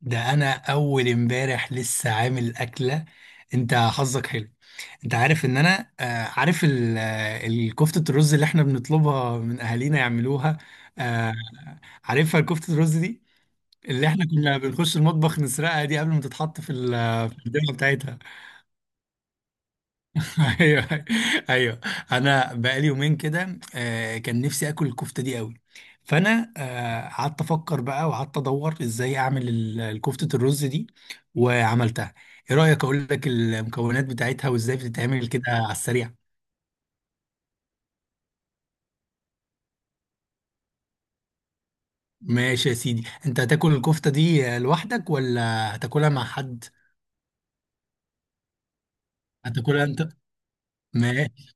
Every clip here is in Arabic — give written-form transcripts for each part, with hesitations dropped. ده انا اول امبارح لسه عامل اكله. انت حظك حلو. انت عارف ان انا عارف الكفته الرز اللي احنا بنطلبها من اهالينا يعملوها. آه، عارفها الكفته الرز دي. اللي احنا كنا بنخش المطبخ نسرقها دي قبل ما تتحط في ال- آه، في الدنيا بتاعتها. ايوه، ايوه. انا بقالي يومين كده، كان نفسي اكل الكفته دي قوي. فانا قعدت افكر بقى وقعدت ادور ازاي اعمل الكفته الرز دي، وعملتها. ايه رايك اقول لك المكونات بتاعتها وازاي بتتعمل كده على السريع؟ ماشي يا سيدي، انت هتاكل الكفته دي لوحدك ولا هتاكلها مع حد؟ هتاكلها انت؟ ماشي.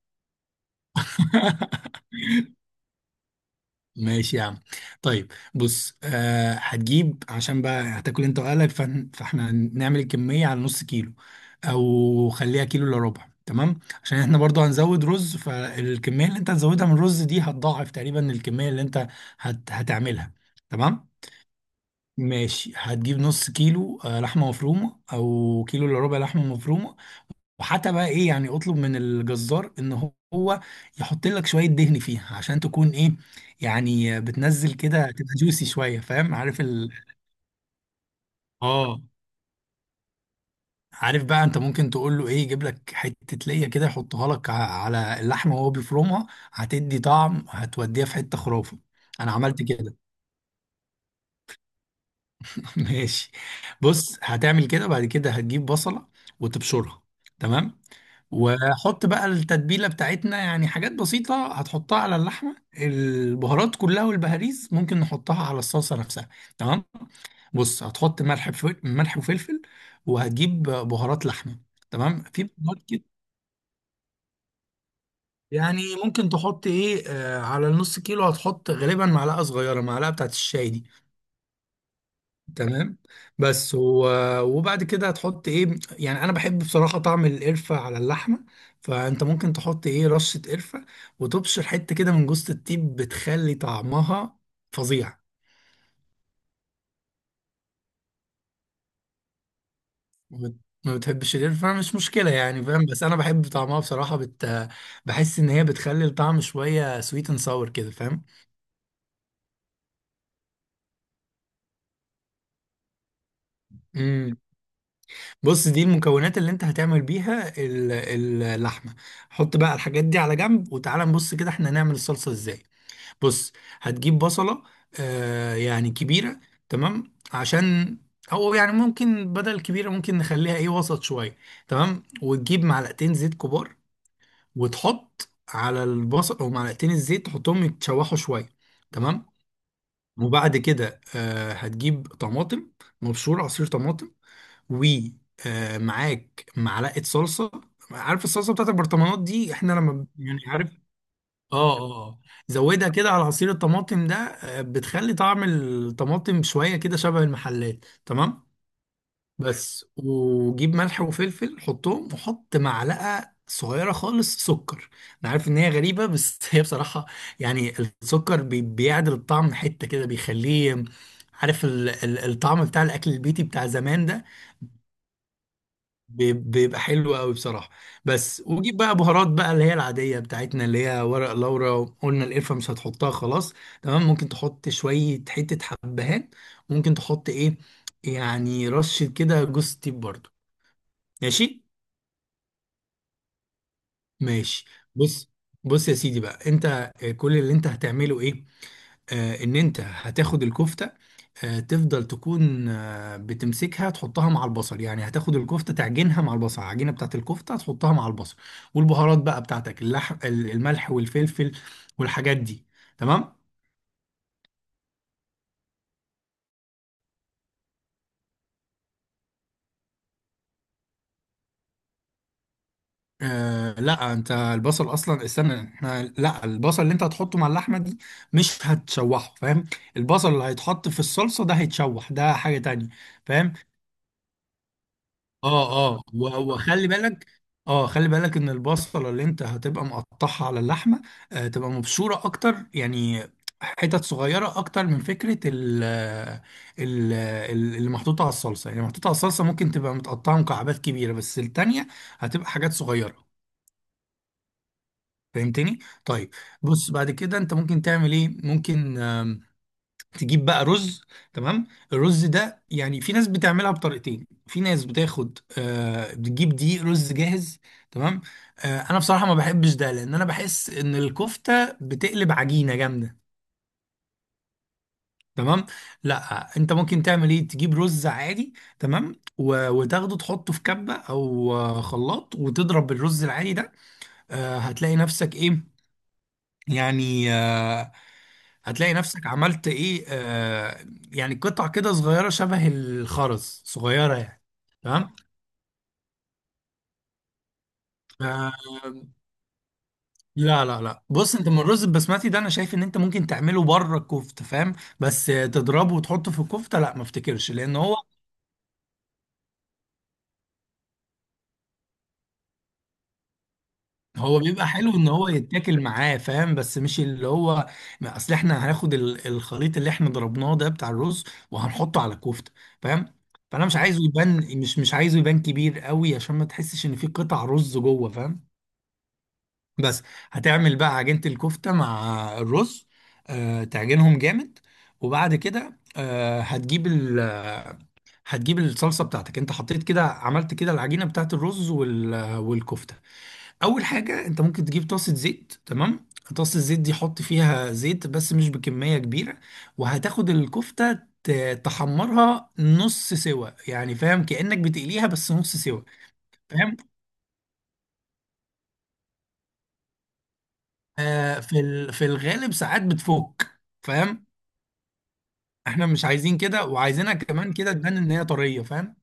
ماشي يا عم. طيب بص، آه هتجيب عشان بقى هتاكل انت واهلك، فاحنا نعمل الكمية على نص كيلو، او خليها كيلو الا ربع. تمام؟ عشان احنا برضو هنزود رز، فالكمية اللي انت هتزودها من الرز دي هتضاعف تقريبا الكمية اللي انت هتعملها. تمام؟ ماشي، هتجيب نص كيلو لحمة مفرومة، او كيلو الا ربع لحمة مفرومة. وحتى بقى ايه، يعني اطلب من الجزار ان هو يحط لك شويه دهن فيها عشان تكون ايه، يعني بتنزل كده تبقى جوسي شويه، فاهم؟ عارف ال اه. عارف بقى انت ممكن تقول له ايه، يجيب لك حته ليا كده يحطها لك على اللحمه وهو بيفرمها، هتدي طعم، هتوديها في حته خرافه. انا عملت كده. ماشي. بص، هتعمل كده. بعد كده هتجيب بصله وتبشرها، تمام. وحط بقى التتبيلة بتاعتنا، يعني حاجات بسيطة هتحطها على اللحمة، البهارات كلها، والبهاريز ممكن نحطها على الصلصة نفسها. تمام. بص، هتحط ملح ملح وفلفل، وهتجيب بهارات لحمة، تمام؟ في بهارات كده. يعني ممكن تحط ايه على النص كيلو؟ هتحط غالبا معلقة صغيرة، معلقة بتاعت الشاي دي. تمام. بس وبعد كده هتحط ايه، يعني انا بحب بصراحة طعم القرفة على اللحمة. فانت ممكن تحط ايه رشة قرفة، وتبشر حتة كده من جوز الطيب بتخلي طعمها فظيع. ما بت- ما بتحبش القرفة؟ مش مشكلة يعني، فاهم. بس انا بحب طعمها بصراحة، بحس ان هي بتخلي الطعم شوية سويت اند ساور كده، فاهم؟ امم بص، دي المكونات اللي انت هتعمل بيها اللحمة. حط بقى الحاجات دي على جنب، وتعالى نبص كده احنا هنعمل الصلصة ازاي. بص، هتجيب بصلة يعني كبيرة، تمام؟ او يعني ممكن بدل كبيرة، ممكن نخليها ايه وسط شوية. تمام. وتجيب معلقتين زيت كبار وتحط على البصل، او معلقتين الزيت تحطهم يتشوحوا شوية، تمام. وبعد كده هتجيب طماطم مبشور، عصير طماطم، ومعاك معلقة صلصة. عارف الصلصة بتاعت البرطمانات دي احنا لما يعني، عارف؟ اه، اه، آه. زودها كده على عصير الطماطم ده، بتخلي طعم الطماطم شوية كده شبه المحلات. تمام. بس وجيب ملح وفلفل حطهم، وحط معلقة صغيرة خالص سكر. انا عارف ان هي غريبة، بس هي بصراحة يعني السكر بيعدل الطعم حتة كده، بيخليه عارف الطعم بتاع الاكل البيتي بتاع زمان ده. بيبقى حلو قوي بصراحه. بس وجيب بقى بهارات بقى اللي هي العاديه بتاعتنا، اللي هي ورق لورا. قلنا القرفه مش هتحطها، خلاص، تمام. ممكن تحط شويه حته حبهان، ممكن تحط ايه يعني رشه كده جوز الطيب برضو. ماشي. ماشي، بص، بص يا سيدي بقى انت، كل اللي انت هتعمله ايه، ان انت هتاخد الكفته تفضل تكون بتمسكها تحطها مع البصل. يعني هتاخد الكفتة تعجنها مع البصل، العجينة بتاعت الكفتة هتحطها مع البصل، والبهارات بقى بتاعتك، الملح والفلفل والحاجات دي، تمام. لا، انت البصل اصلا، استنى، احنا، لا، البصل اللي انت هتحطه مع اللحمة دي مش هتشوحه، فاهم؟ البصل اللي هيتحط في الصلصة ده هيتشوح، ده حاجة تانية، فاهم؟ اه، اه، وخلي بالك. اه، خلي بالك ان البصله اللي انت هتبقى مقطعها على اللحمه، تبقى مبشوره اكتر يعني، حتت صغيره اكتر. من فكره ال اللي محطوطه على الصلصه، يعني محطوطه على الصلصه ممكن تبقى متقطعه مكعبات كبيره، بس التانيه هتبقى حاجات صغيره. فهمتني؟ طيب، بص بعد كده انت ممكن تعمل ايه، ممكن تجيب بقى رز، تمام. الرز ده يعني في ناس بتعملها بطريقتين، في ناس بتاخد بتجيب دقيق رز جاهز، تمام. انا بصراحة ما بحبش ده، لان انا بحس ان الكفتة بتقلب عجينة جامدة، تمام. لا، انت ممكن تعمل ايه، تجيب رز عادي، تمام. وتاخده تحطه في كبة او خلاط وتضرب الرز العادي ده. هتلاقي نفسك ايه، يعني هتلاقي نفسك عملت ايه، يعني قطع كده صغيرة شبه الخرز، صغيرة يعني، تمام. آه لا لا لا، بص، انت من الرز البسمتي ده انا شايف ان انت ممكن تعمله بره الكفتة، فاهم؟ بس تضربه وتحطه في الكفتة، لا، ما افتكرش، لان هو، هو بيبقى حلو ان هو يتاكل معاه، فاهم؟ بس مش اللي هو، ما اصل احنا هناخد الخليط اللي احنا ضربناه ده بتاع الرز، وهنحطه على الكفتة، فاهم؟ فانا مش عايزه يبان، مش عايزه يبان كبير قوي، عشان ما تحسش ان في قطع رز جوه، فاهم؟ بس. هتعمل بقى عجينة الكفتة مع الرز، تعجنهم جامد. وبعد كده، آه، هتجيب ال آه، هتجيب الصلصة بتاعتك. انت حطيت كده، عملت كده العجينة بتاعت الرز والكفتة. اول حاجة انت ممكن تجيب طاسة زيت، تمام. طاسة الزيت دي حط فيها زيت بس مش بكمية كبيرة. وهتاخد الكفتة تحمرها نص سوا، يعني فاهم كأنك بتقليها، بس نص سوا، فاهم؟ في الغالب ساعات بتفك، فاهم؟ احنا مش عايزين كده، وعايزينها كمان كده تبان ان هي طريه، فاهم؟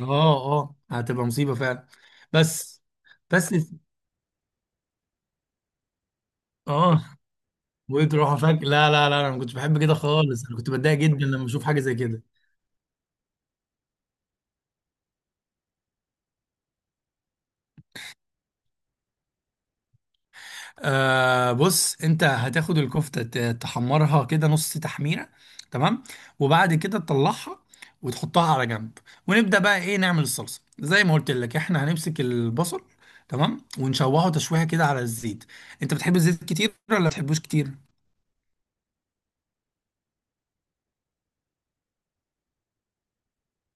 اه، اه، هتبقى مصيبه فعلا، بس. بس، اه. وتروحوا فاك؟ لا لا لا، انا ما كنتش بحب كده خالص، انا كنت بتضايق جدا لما اشوف حاجه زي كده. بص، انت هتاخد الكفته تحمرها كده نص تحميره، تمام. وبعد كده تطلعها وتحطها على جنب. ونبدا بقى ايه، نعمل الصلصه زي ما قلت لك، احنا هنمسك البصل، تمام. ونشوحه تشويحه كده على الزيت. انت بتحب الزيت كتير ولا ما بتحبوش كتير؟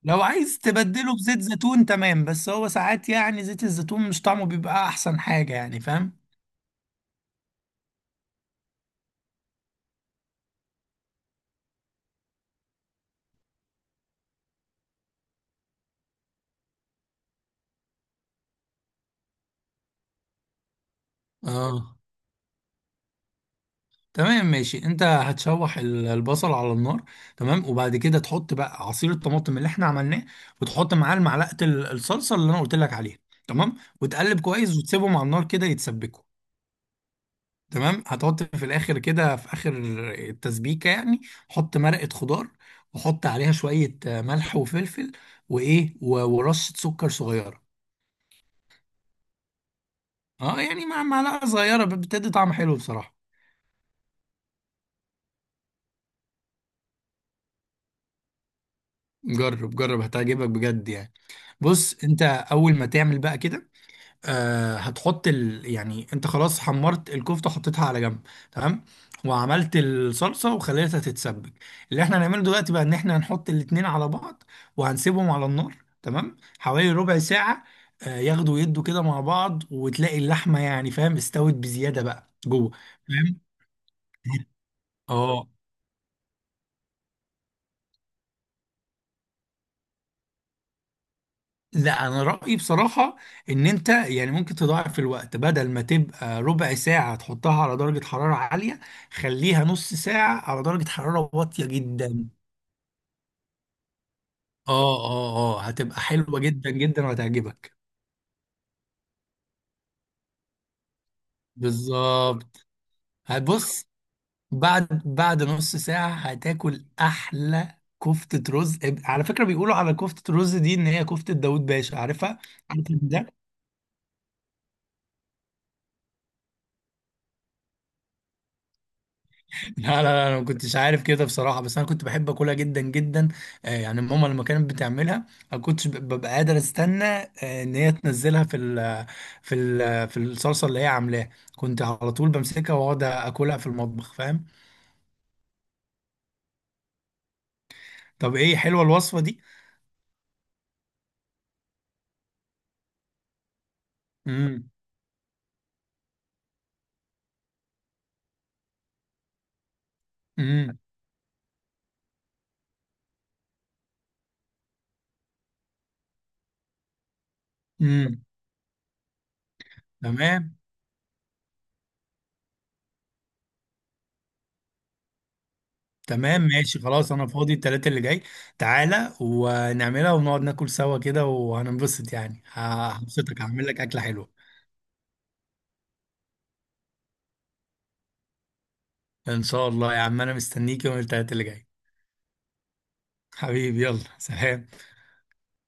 لو عايز تبدله بزيت زيتون، تمام، بس هو ساعات يعني زيت الزيتون مش طعمه بيبقى احسن حاجة، يعني فاهم. اه، تمام، ماشي. انت هتشوح البصل على النار، تمام. وبعد كده تحط بقى عصير الطماطم اللي احنا عملناه، وتحط معاه معلقه الصلصه اللي انا قلت لك عليها، تمام. وتقلب كويس وتسيبهم على النار كده يتسبكوا، تمام. هتحط في الاخر كده، في اخر التسبيكه يعني، حط مرقه خضار، وحط عليها شويه ملح وفلفل، وايه، ورشه سكر صغيره. اه، يعني مع معلقه صغيره، بتدي طعم حلو بصراحه. جرب، جرب، هتعجبك بجد يعني. بص، انت اول ما تعمل بقى كده، يعني انت خلاص حمرت الكفته، حطيتها على جنب، تمام، وعملت الصلصه وخليتها تتسبك. اللي احنا هنعمله دلوقتي بقى ان احنا هنحط الاتنين على بعض وهنسيبهم على النار، تمام، حوالي ربع ساعه. ياخدوا يدوا كده مع بعض، وتلاقي اللحمه يعني فاهم استوت بزياده بقى جوه، فاهم؟ اه. لا، انا رايي بصراحه ان انت يعني ممكن تضاعف الوقت، بدل ما تبقى ربع ساعه تحطها على درجه حراره عاليه، خليها نص ساعه على درجه حراره واطيه جدا. اه، اه، اه، هتبقى حلوه جدا جدا وهتعجبك. بالظبط. هتبص، بعد نص ساعه هتاكل احلى كفته رز. على فكره، بيقولوا على كفته رز دي ان هي كفته داوود باشا، عارفها؟ عارف. لا لا لا، انا ما كنتش عارف كده بصراحه، بس انا كنت بحب اكلها جدا جدا. يعني ماما لما كانت بتعملها ما كنتش ببقى قادر استنى، ان هي تنزلها في الصلصه اللي هي عاملاها. كنت على طول بمسكها واقعد اكلها في المطبخ، فاهم؟ طب ايه، حلوه الوصفه دي؟ امم، امم، امم، تمام. تمام، ماشي، خلاص، انا فاضي التلاتة اللي جاي. تعالى ونعملها ونقعد ناكل سوا كده وهننبسط، يعني هبسطك، هعمل لك اكله حلوه. ان شاء الله يا عم، انا مستنيك يوم التلاتة اللي جاي. حبيبي، يلا سلام.